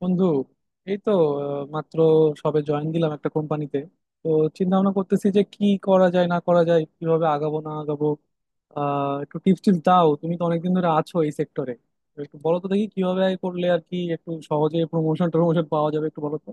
বন্ধু, এই তো মাত্র সবে জয়েন দিলাম একটা কোম্পানিতে। তো চিন্তা ভাবনা করতেছি যে কি করা যায় না করা যায়, কিভাবে আগাবো না আগাবো। একটু টিপস টিপস দাও, তুমি তো অনেকদিন ধরে আছো এই সেক্টরে। একটু বলো তো দেখি কিভাবে করলে আর কি একটু সহজে প্রমোশন টমোশন পাওয়া যাবে, একটু বলো তো।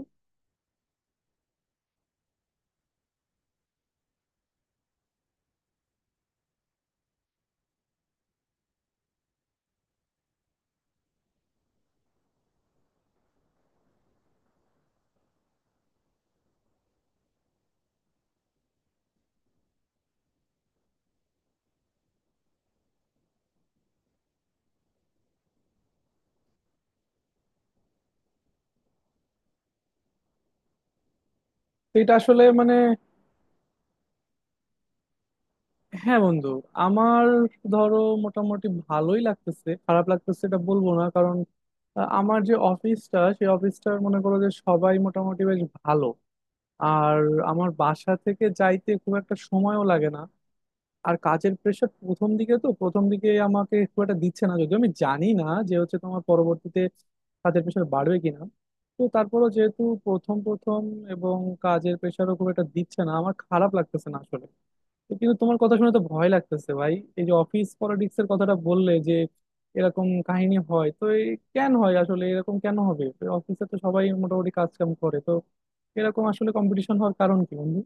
তো এটা আসলে মানে, হ্যাঁ বন্ধু, আমার, ধরো, মোটামুটি ভালোই লাগতেছে, খারাপ লাগতেছে এটা বলবো না। কারণ আমার যে অফিসটা, সেই অফিসটার মনে করো যে সবাই মোটামুটি বেশ ভালো। আর আমার বাসা থেকে যাইতে খুব একটা সময়ও লাগে না। আর কাজের প্রেশার প্রথম দিকে, আমাকে খুব একটা দিচ্ছে না, যদিও আমি জানি না যে হচ্ছে তোমার পরবর্তীতে কাজের প্রেশার বাড়বে কিনা। তো তারপরও যেহেতু প্রথম প্রথম, এবং কাজের প্রেশারও খুব একটা দিচ্ছে না, আমার খারাপ লাগতেছে না আসলে। তো কিন্তু তোমার কথা শুনে তো ভয় লাগতেছে ভাই, এই যে অফিস পলিটিক্স এর কথাটা বললে যে এরকম কাহিনী হয়। তো এই কেন হয় আসলে, এরকম কেন হবে? অফিসে তো সবাই মোটামুটি কাজ কাম করে, তো এরকম আসলে কম্পিটিশন হওয়ার কারণ কি বন্ধু?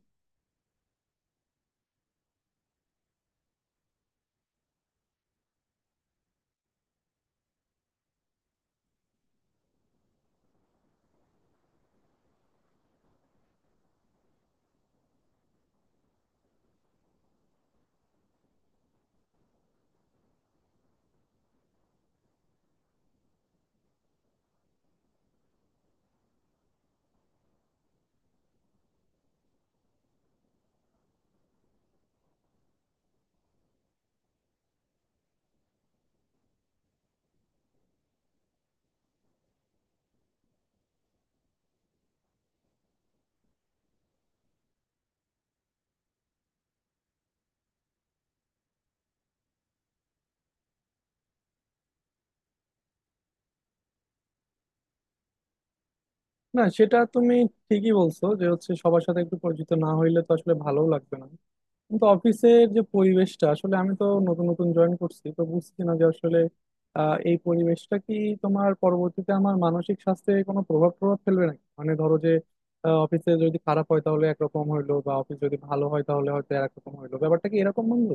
না সেটা তুমি ঠিকই বলছো যে হচ্ছে সবার সাথে একটু পরিচিত না হইলে তো আসলে ভালোও লাগবে না। কিন্তু অফিসের যে পরিবেশটা, আসলে আমি তো নতুন নতুন জয়েন করছি, তো বুঝছি না যে আসলে এই পরিবেশটা কি তোমার পরবর্তীতে আমার মানসিক স্বাস্থ্যে কোনো প্রভাব প্রভাব ফেলবে নাকি। মানে ধরো যে অফিসে যদি খারাপ হয় তাহলে একরকম হইলো, বা অফিস যদি ভালো হয় তাহলে হয়তো একরকম হইলো, ব্যাপারটা কি এরকম বন্ধু?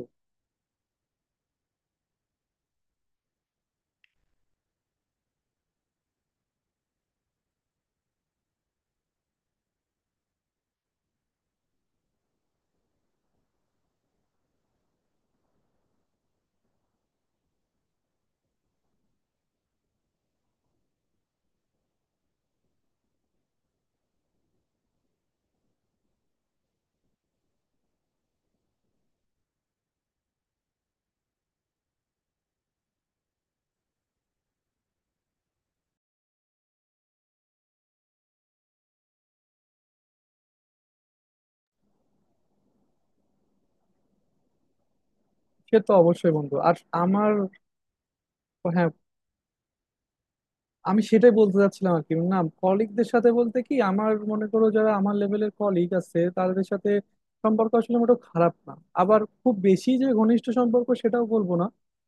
সে তো অবশ্যই বন্ধু। আর আমার, হ্যাঁ আমি সেটাই বলতে চাচ্ছিলাম আর কি। না, কলিগদের সাথে বলতে কি আমার, মনে করো যারা আমার লেভেলের কলিগ আছে তাদের সাথে সম্পর্ক আসলে মোটেও খারাপ না। আবার খুব বেশি যে ঘনিষ্ঠ সম্পর্ক সেটাও বলবো না।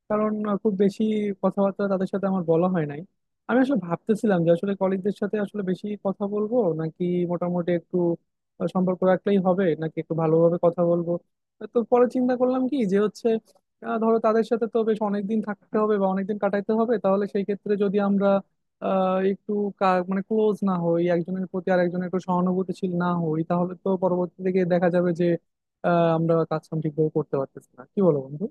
কারণ খুব বেশি কথাবার্তা তাদের সাথে আমার বলা হয় নাই। আমি আসলে ভাবতেছিলাম যে আসলে কলিগদের সাথে আসলে বেশি কথা বলবো নাকি মোটামুটি একটু সম্পর্ক রাখলেই হবে, নাকি একটু ভালোভাবে কথা বলবো। তো পরে চিন্তা করলাম কি, যে হচ্ছে ধরো তাদের সাথে তো বেশ অনেকদিন থাকতে হবে বা অনেকদিন কাটাইতে হবে, তাহলে সেই ক্ষেত্রে যদি আমরা একটু কা- মানে ক্লোজ না হই, একজনের প্রতি আর একজনের একটু সহানুভূতিশীল না হই, তাহলে তো পরবর্তী থেকে দেখা যাবে যে আমরা কাজ কাম ঠিকভাবে করতে পারতেছি না। কি বলো বন্ধু?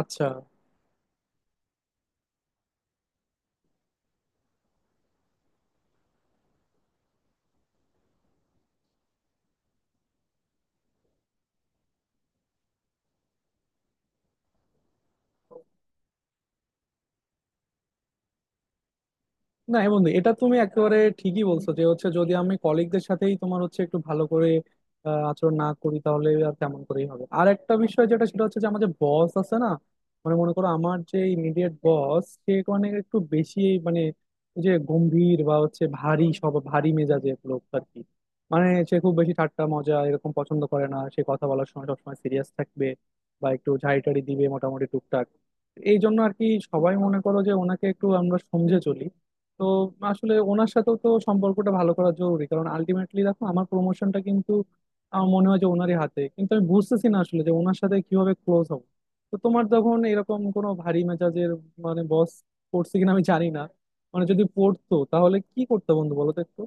আচ্ছা, না হ্যাঁ বন্ধু, এটা তুমি একেবারে ঠিকই বলছো যে হচ্ছে যদি আমি কলিগদের সাথেই তোমার হচ্ছে একটু ভালো করে আচরণ না করি তাহলে আর তেমন করেই হবে। আর একটা বিষয় যেটা, সেটা হচ্ছে যে আমাদের বস আছে না, মানে মনে করো আমার যে ইমিডিয়েট বস, সে মানে একটু বেশি, মানে ওই যে গম্ভীর বা হচ্ছে ভারী, সব ভারী মেজাজের লোক আর কি। মানে সে খুব বেশি ঠাট্টা মজা এরকম পছন্দ করে না, সে কথা বলার সময় সবসময় সিরিয়াস থাকবে, বা একটু ঝাড়ি টাড়ি দিবে মোটামুটি টুকটাক। এই জন্য আর কি সবাই মনে করো যে ওনাকে একটু আমরা সমঝে চলি। তো আসলে ওনার সাথেও তো সম্পর্কটা ভালো করা জরুরি, কারণ আলটিমেটলি দেখো আমার প্রমোশনটা কিন্তু আমার মনে হয় যে ওনারই হাতে। কিন্তু আমি বুঝতেছি না আসলে যে ওনার সাথে কিভাবে ক্লোজ হব। তো তোমার যখন এরকম কোনো ভারী মেজাজের মানে বস পড়ছে কিনা আমি জানি না, মানে যদি পড়তো তাহলে কি করতে বন্ধু, বলো তো একটু।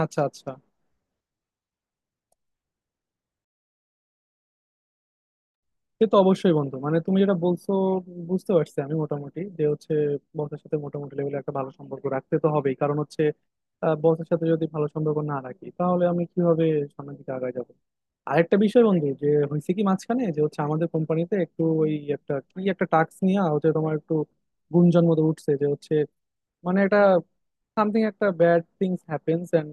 আচ্ছা আচ্ছা, সে তো অবশ্যই বন্ধু, মানে তুমি যেটা বলছো বুঝতে পারছি আমি মোটামুটি যে হচ্ছে বসের সাথে মোটামুটি লেভেলে একটা ভালো সম্পর্ক রাখতে তো হবেই। কারণ হচ্ছে বসের সাথে যদি ভালো সম্পর্ক না রাখি, তাহলে আমি কিভাবে সামনের দিকে আগায় যাবো। আরেকটা বিষয় বন্ধু, যে হয়েছে কি, মাঝখানে যে হচ্ছে আমাদের কোম্পানিতে একটু ওই একটা কি একটা টাস্ক নিয়ে হচ্ছে তোমার একটু গুঞ্জন মতো উঠছে, যে হচ্ছে মানে এটা সামথিং একটা ব্যাড থিংস হ্যাপেন্স এন্ড,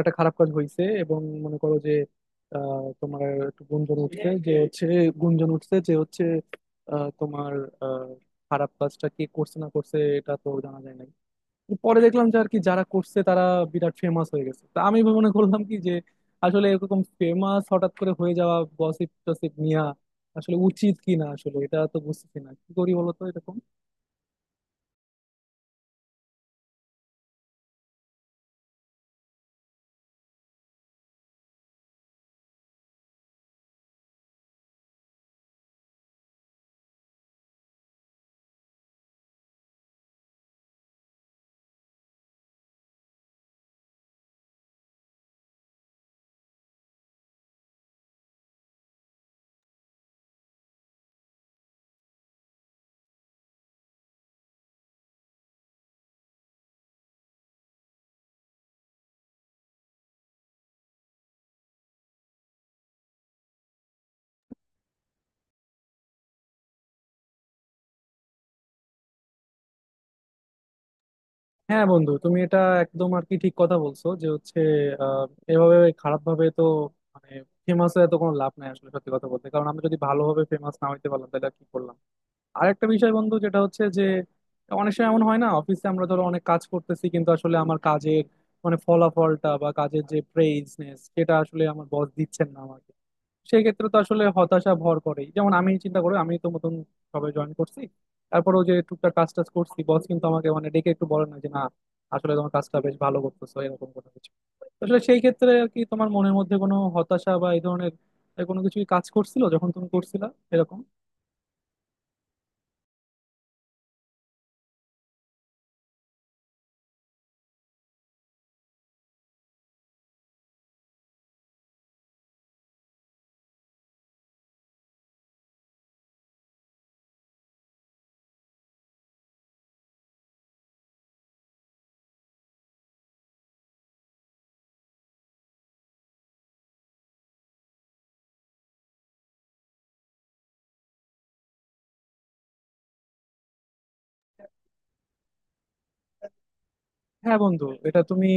একটা খারাপ কাজ হয়েছে। এবং মনে করো যে তোমার একটু গুঞ্জন উঠছে যে হচ্ছে, গুঞ্জন উঠছে যে হচ্ছে আহ, তোমার আহ, খারাপ কাজটা কে করছে না করছে এটা তো জানা যায় নাই। পরে দেখলাম যে আর কি যারা করছে তারা বিরাট ফেমাস হয়ে গেছে। তা আমি মনে করলাম কি যে আসলে এরকম ফেমাস হঠাৎ করে হয়ে যাওয়া গসিপ টসিপ নিয়া আসলে উচিত কি না, আসলে এটা তো বুঝতেছি না, কি করি বলতো এরকম। হ্যাঁ বন্ধু, তুমি এটা একদম আর কি ঠিক কথা বলছো যে হচ্ছে আহ, এভাবে খারাপ ভাবে তো মানে ফেমাস হয়ে তো কোনো লাভ নাই আসলে, সত্যি কথা বলতে। কারণ আমরা যদি ভালোভাবে ফেমাস না হইতে পারলাম, তাহলে আর কি করলাম। আর একটা বিষয় বন্ধু, যেটা হচ্ছে যে অনেক সময় এমন হয় না অফিসে, আমরা ধরো অনেক কাজ করতেছি কিন্তু আসলে আমার কাজের মানে ফলাফলটা বা কাজের যে প্রেইজনেস সেটা আসলে আমার বস দিচ্ছেন না আমার। সেই ক্ষেত্রে তো আসলে হতাশা ভর করে। যেমন আমি চিন্তা করি আমি তো নতুন, সবে জয়েন করছি, তারপরেও যে টুকটাক কাজ টাজ করছি, বস কিন্তু আমাকে মানে ডেকে একটু বলে না যে না আসলে তোমার কাজটা বেশ ভালো করতেছো, এরকম কোনো কিছু। আসলে সেই ক্ষেত্রে আর কি, তোমার মনের মধ্যে কোনো হতাশা বা এই ধরনের কোনো কিছু কাজ করছিল যখন তুমি করছিলা, এরকম? হ্যাঁ বন্ধু, এটা তুমি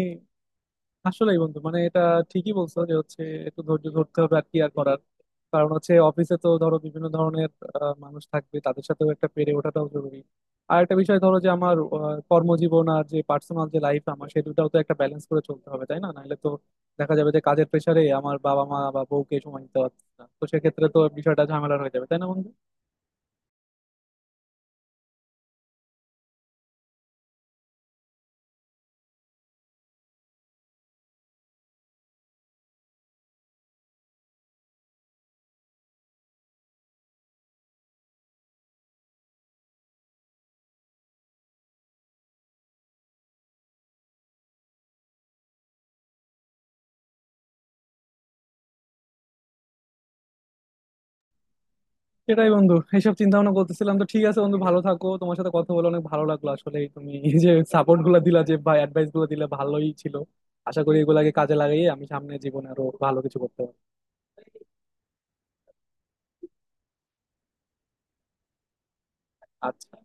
আসলেই বন্ধু, মানে এটা ঠিকই বলছো যে হচ্ছে একটু ধৈর্য ধরতে হবে আর কি, আর করার। কারণ হচ্ছে অফিসে তো ধরো বিভিন্ন ধরনের মানুষ থাকবে, তাদের সাথেও একটা পেরে ওঠাটাও জরুরি। আর একটা বিষয়, ধরো যে আমার কর্মজীবন আর যে পার্সোনাল যে লাইফ আমার, সে দুটাও তো একটা ব্যালেন্স করে চলতে হবে তাই না? নাহলে তো দেখা যাবে যে কাজের প্রেশারে আমার বাবা মা বা বউকে সময় দিতে পারছি না, তো সেক্ষেত্রে তো বিষয়টা ঝামেলার হয়ে যাবে তাই না বন্ধু? সেটাই বন্ধু, এইসব চিন্তা ভাবনা করতেছিলাম। তো ঠিক আছে বন্ধু, ভালো থাকো। তোমার সাথে কথা বলে অনেক ভালো লাগলো। আসলে তুমি এই যে সাপোর্ট গুলা দিলা, যে ভাই অ্যাডভাইস গুলো দিলে, ভালোই ছিল। আশা করি এগুলাকে কাজে লাগিয়ে আমি সামনে জীবনে আরো ভালো কিছু করতে পারবো। আচ্ছা।